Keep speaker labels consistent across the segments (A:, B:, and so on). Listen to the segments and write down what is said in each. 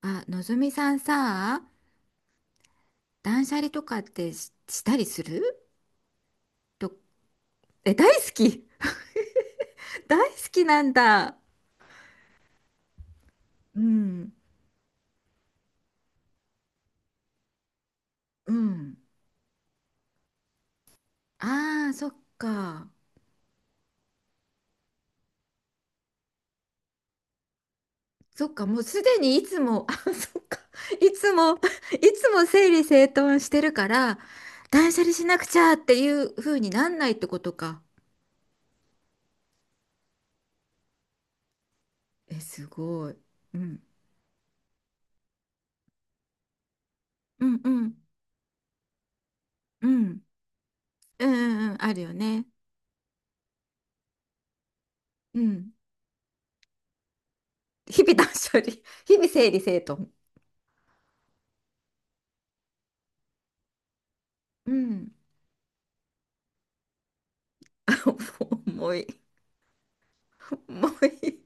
A: あ、のぞみさんさ、断捨離とかってしたりすると、大好き 大好きなんだ。うん、うん。ああ、そっか。そっか、もうすでにいつも、あ、そっか。いつも、いつも整理整頓してるから、断捨離しなくちゃっていう風になんないってことか。え、すごい。うん。うんうん。うん。うんうんうん。あるよね。うん。日々断捨離。日々整理整頓。うん。重い重い。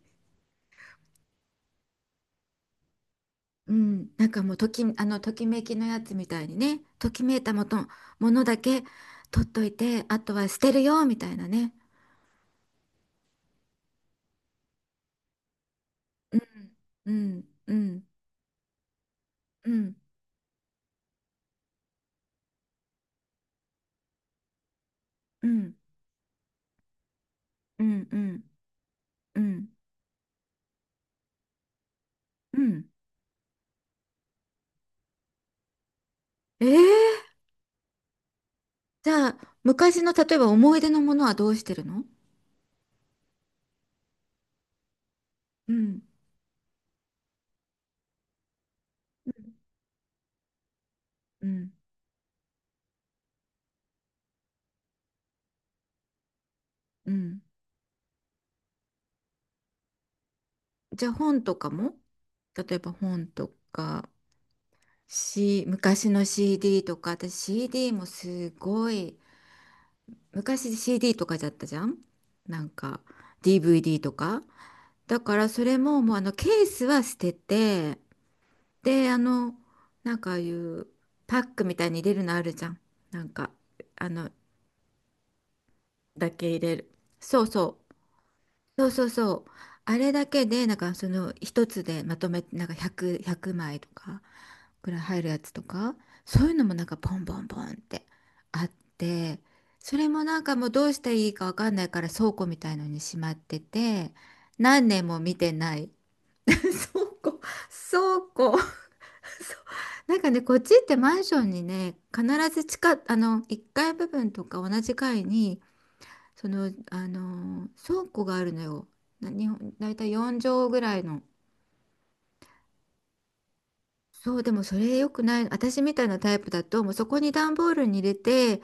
A: うん、なんかもうとき、あの、ときめきのやつみたいにね、ときめいたもと、ものだけ取っといて、あとは捨てるよ、みたいなね。うん、うん、うん、うん、うん、うん、うん、うん、ええ。じゃあ、昔の、例えば思い出のものはどうしてるの？うん、うん、うん。じゃあ本とかも、例えば本とか、昔の CD とか、私 CD もすごい、昔 CD とかじゃったじゃん。なんか DVD とか。だからそれももうあのケースは捨てて、であの、なんかああいうパックみたいに入れるのあるじゃん。なんか、あの、だけ入れる。そうそうそうそうそう。あれだけで、なんかその一つでまとめ、なんか100枚とかぐらい入るやつとか、そういうのもなんかポンポンポンってあって、それもなんかもうどうしたらいいかわかんないから倉庫みたいのにしまってて、何年も見てない。倉庫、倉庫。そうなんかね、こっちってマンションにね、必ず地下、あの、1階部分とか同じ階にその、あの倉庫があるのよ。日本、だいたい4畳ぐらいの。そう、でもそれ良くない。私みたいなタイプだと、もうそこに段ボールに入れて、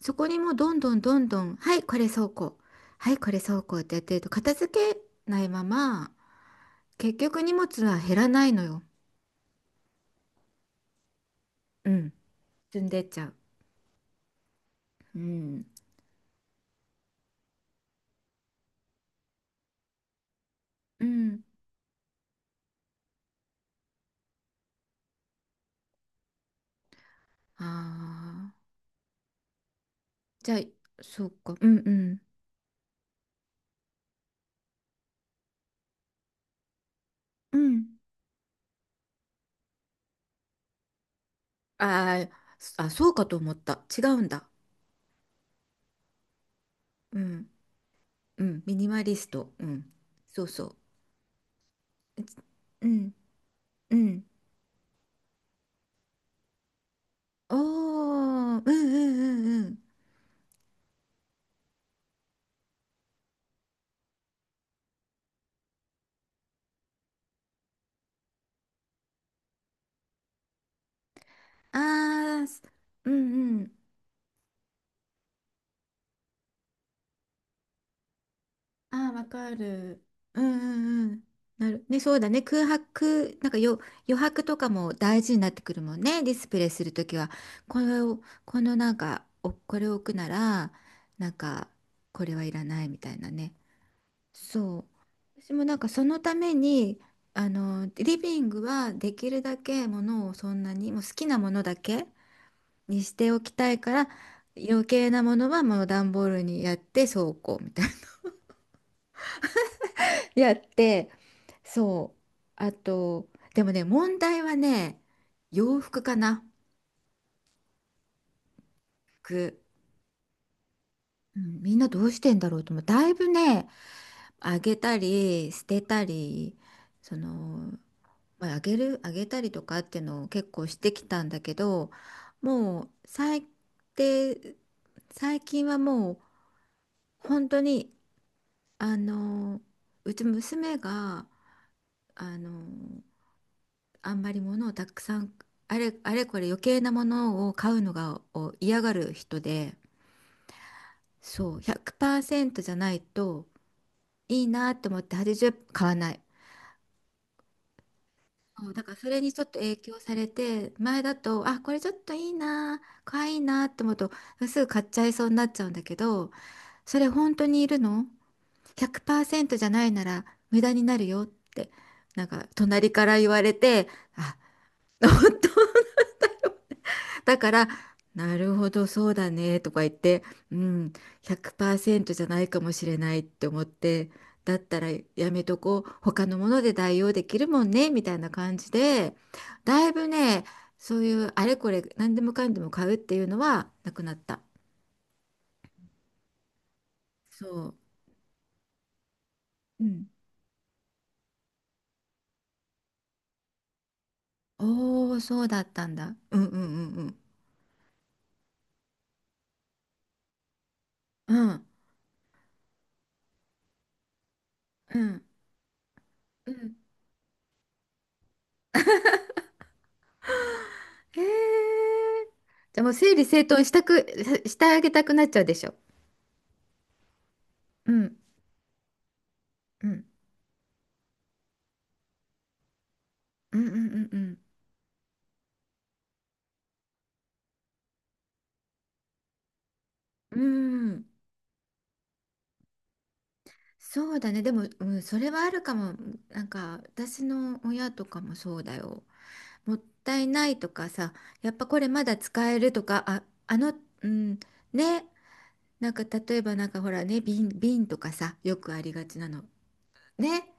A: そこにもうどんどんどんどん、はい、これ倉庫。はい、これ倉庫ってやってると、片付けないまま、結局荷物は減らないのよ。うん。積んでっちゃう。うん。うん。ああ。じゃあ、そうか。うんうん。うん。あー、あ、そうかと思った。違うんだ。うん。うん、ミニマリスト。うん。そうそう。うん、うん。おー、うんうんうんうん。あー、す、うんうん。あー、わかる。うんうんうん。なる。ね、そうだね。空白、なんかよ、余白とかも大事になってくるもんね。ディスプレイするときは。これを、このなんか、お、これを置くなら、なんか、これはいらないみたいなね。そう。私もなんかそのために、あの、リビングはできるだけものをそんなに、もう好きなものだけにしておきたいから、余計なものはもう段ボールにやって倉庫みたいな。 やって、そう。あと、でもね、問題はね、洋服かな。服。うん、みんなどうしてんだろうと思う。だいぶね、あげたり、捨てたり、その、まあ、あげる、あげたりとかっていうのを結構してきたんだけど、もう最低、最近はもう本当に、あの、うち娘が、あの、あんまり物をたくさん、あれこれ余計なものを嫌がる人で、そう、100%じゃないといいなって思って80、買わない。そうだからそれにちょっと影響されて、前だと、あ、これちょっといいな、可愛いなって思うとすぐ買っちゃいそうになっちゃうんだけど、それ本当にいるの？ 100% じゃないなら無駄になるよって、なんか隣から言われて、あと 思って、だから、なるほど、そうだね、とか言って、うん、100%じゃないかもしれないって思って、だったらやめとこう、他のもので代用できるもんね、みたいな感じで、だいぶね、そういうあれこれ何でもかんでも買うっていうのはなくなった。そう。うん。おお、そうだったんだ。うんうんうんうん。うんうんうん。へえ。じゃあもう整理整頓してあげたくなっちゃうでしょ。うん。うんうんうんうんうん。うん。そうだね。でも、うん、それはあるかも。なんか、私の親とかもそうだよ。もったいないとかさ、やっぱこれまだ使えるとか、あ、あの、うん、ね。なんか、例えばなんかほらね、瓶とかさ、よくありがちなの。ね。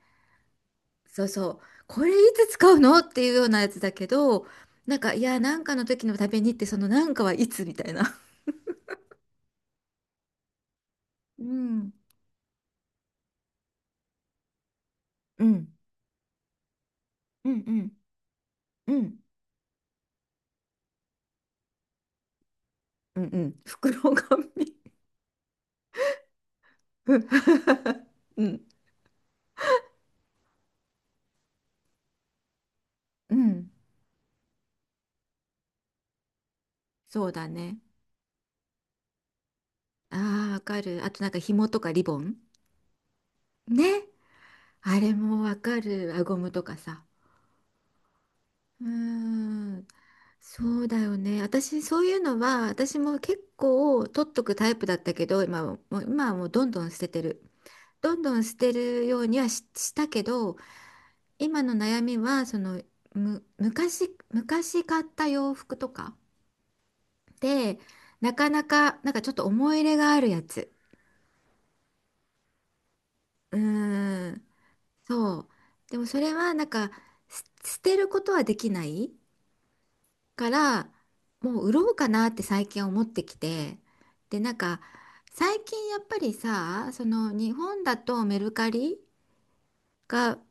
A: そうそう。これいつ使うのっていうようなやつだけど、なんか、いや、なんかの時のためにって、そのなんかはいつみたいな。うん。うん。うんうん。うん。うんうん。袋紙。 うん。うん。そうだね。ああ、わかる。あとなんか紐とかリボンね。あれもわかる。輪ゴムとかさ。うーん。そうだよね。私、そういうのは、私も結構取っとくタイプだったけど、今はもう、今はもうどんどん捨ててる。どんどん捨てるようにはし、したけど、今の悩みは、その、昔買った洋服とかで、なかなか、なんかちょっと思い入れがあるやつ。うーん、そう。でもそれはなんかす捨てることはできないから、もう売ろうかなって最近思ってきて。で、なんか最近やっぱりさ、その日本だとメルカリが、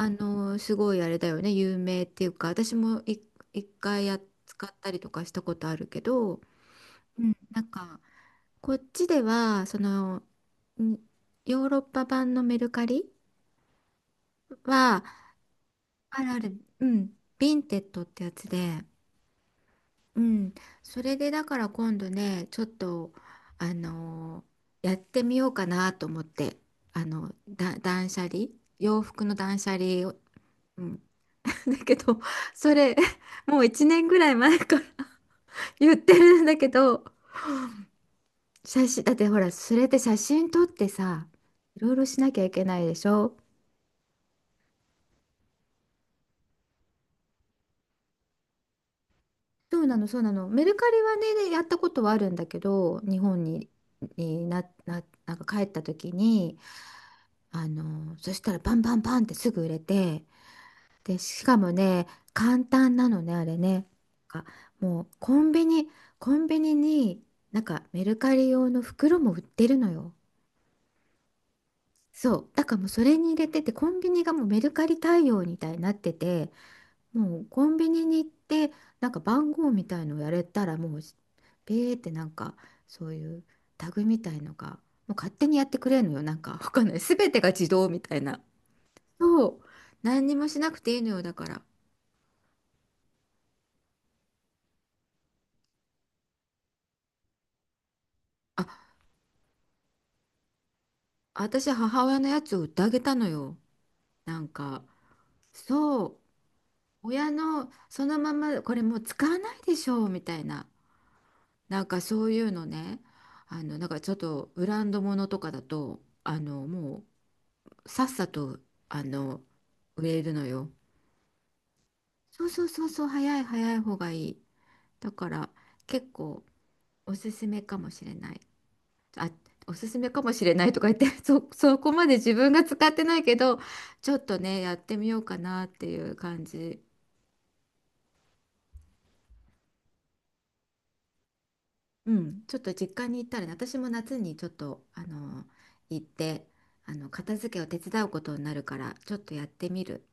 A: あのすごいあれだよね、有名っていうか、私も一回使ったりとかしたことあるけど、うん、なんかこっちではその、んヨーロッパ版のメルカリはあるある、うん、ヴィンテッドってやつで、うん、それでだから今度ね、ちょっと、あのやってみようかなと思って、あの、断捨離、洋服の断捨離を、うん、だけど、それ、もう1年ぐらい前から 言ってるんだけど、写真、だってほら、それって写真撮ってさ、いろいろしなきゃいけないでしょ。そうなの、そうなの。メルカリはね、やったことはあるんだけど、日本に、なんか帰った時に、あの、そしたらバンバンバンってすぐ売れて、で、しかもね、簡単なのね、あれね。なんかもうコンビニになんかメルカリ用の袋も売ってるのよ。そう。だからもうそれに入れてて、コンビニがもうメルカリ対応みたいになってて、もうコンビニに行ってなんか番号みたいのをやれたら、もうペーってなんかそういうタグみたいのがもう勝手にやってくれるのよ。なんかわかんない、全てが自動みたいな。そう、何にもしなくていいのよ。だから、あ、私母親のやつを売ってあげたのよ、なんか。そう、親のそのままこれもう使わないでしょうみたいな、なんかそういうのね、あの、なんかちょっとブランドものとかだと、あのもうさっさと、あの植えるのよ。そうそうそうそう、早い、早い方がいい。だから結構おすすめかもしれない。あ、おすすめかもしれないとか言って、そこまで自分が使ってないけど、ちょっとね、やってみようかなっていう感じ。うん、ちょっと実家に行ったらね、私も夏にちょっとあの行って、あの片付けを手伝うことになるから、ちょっとやってみる。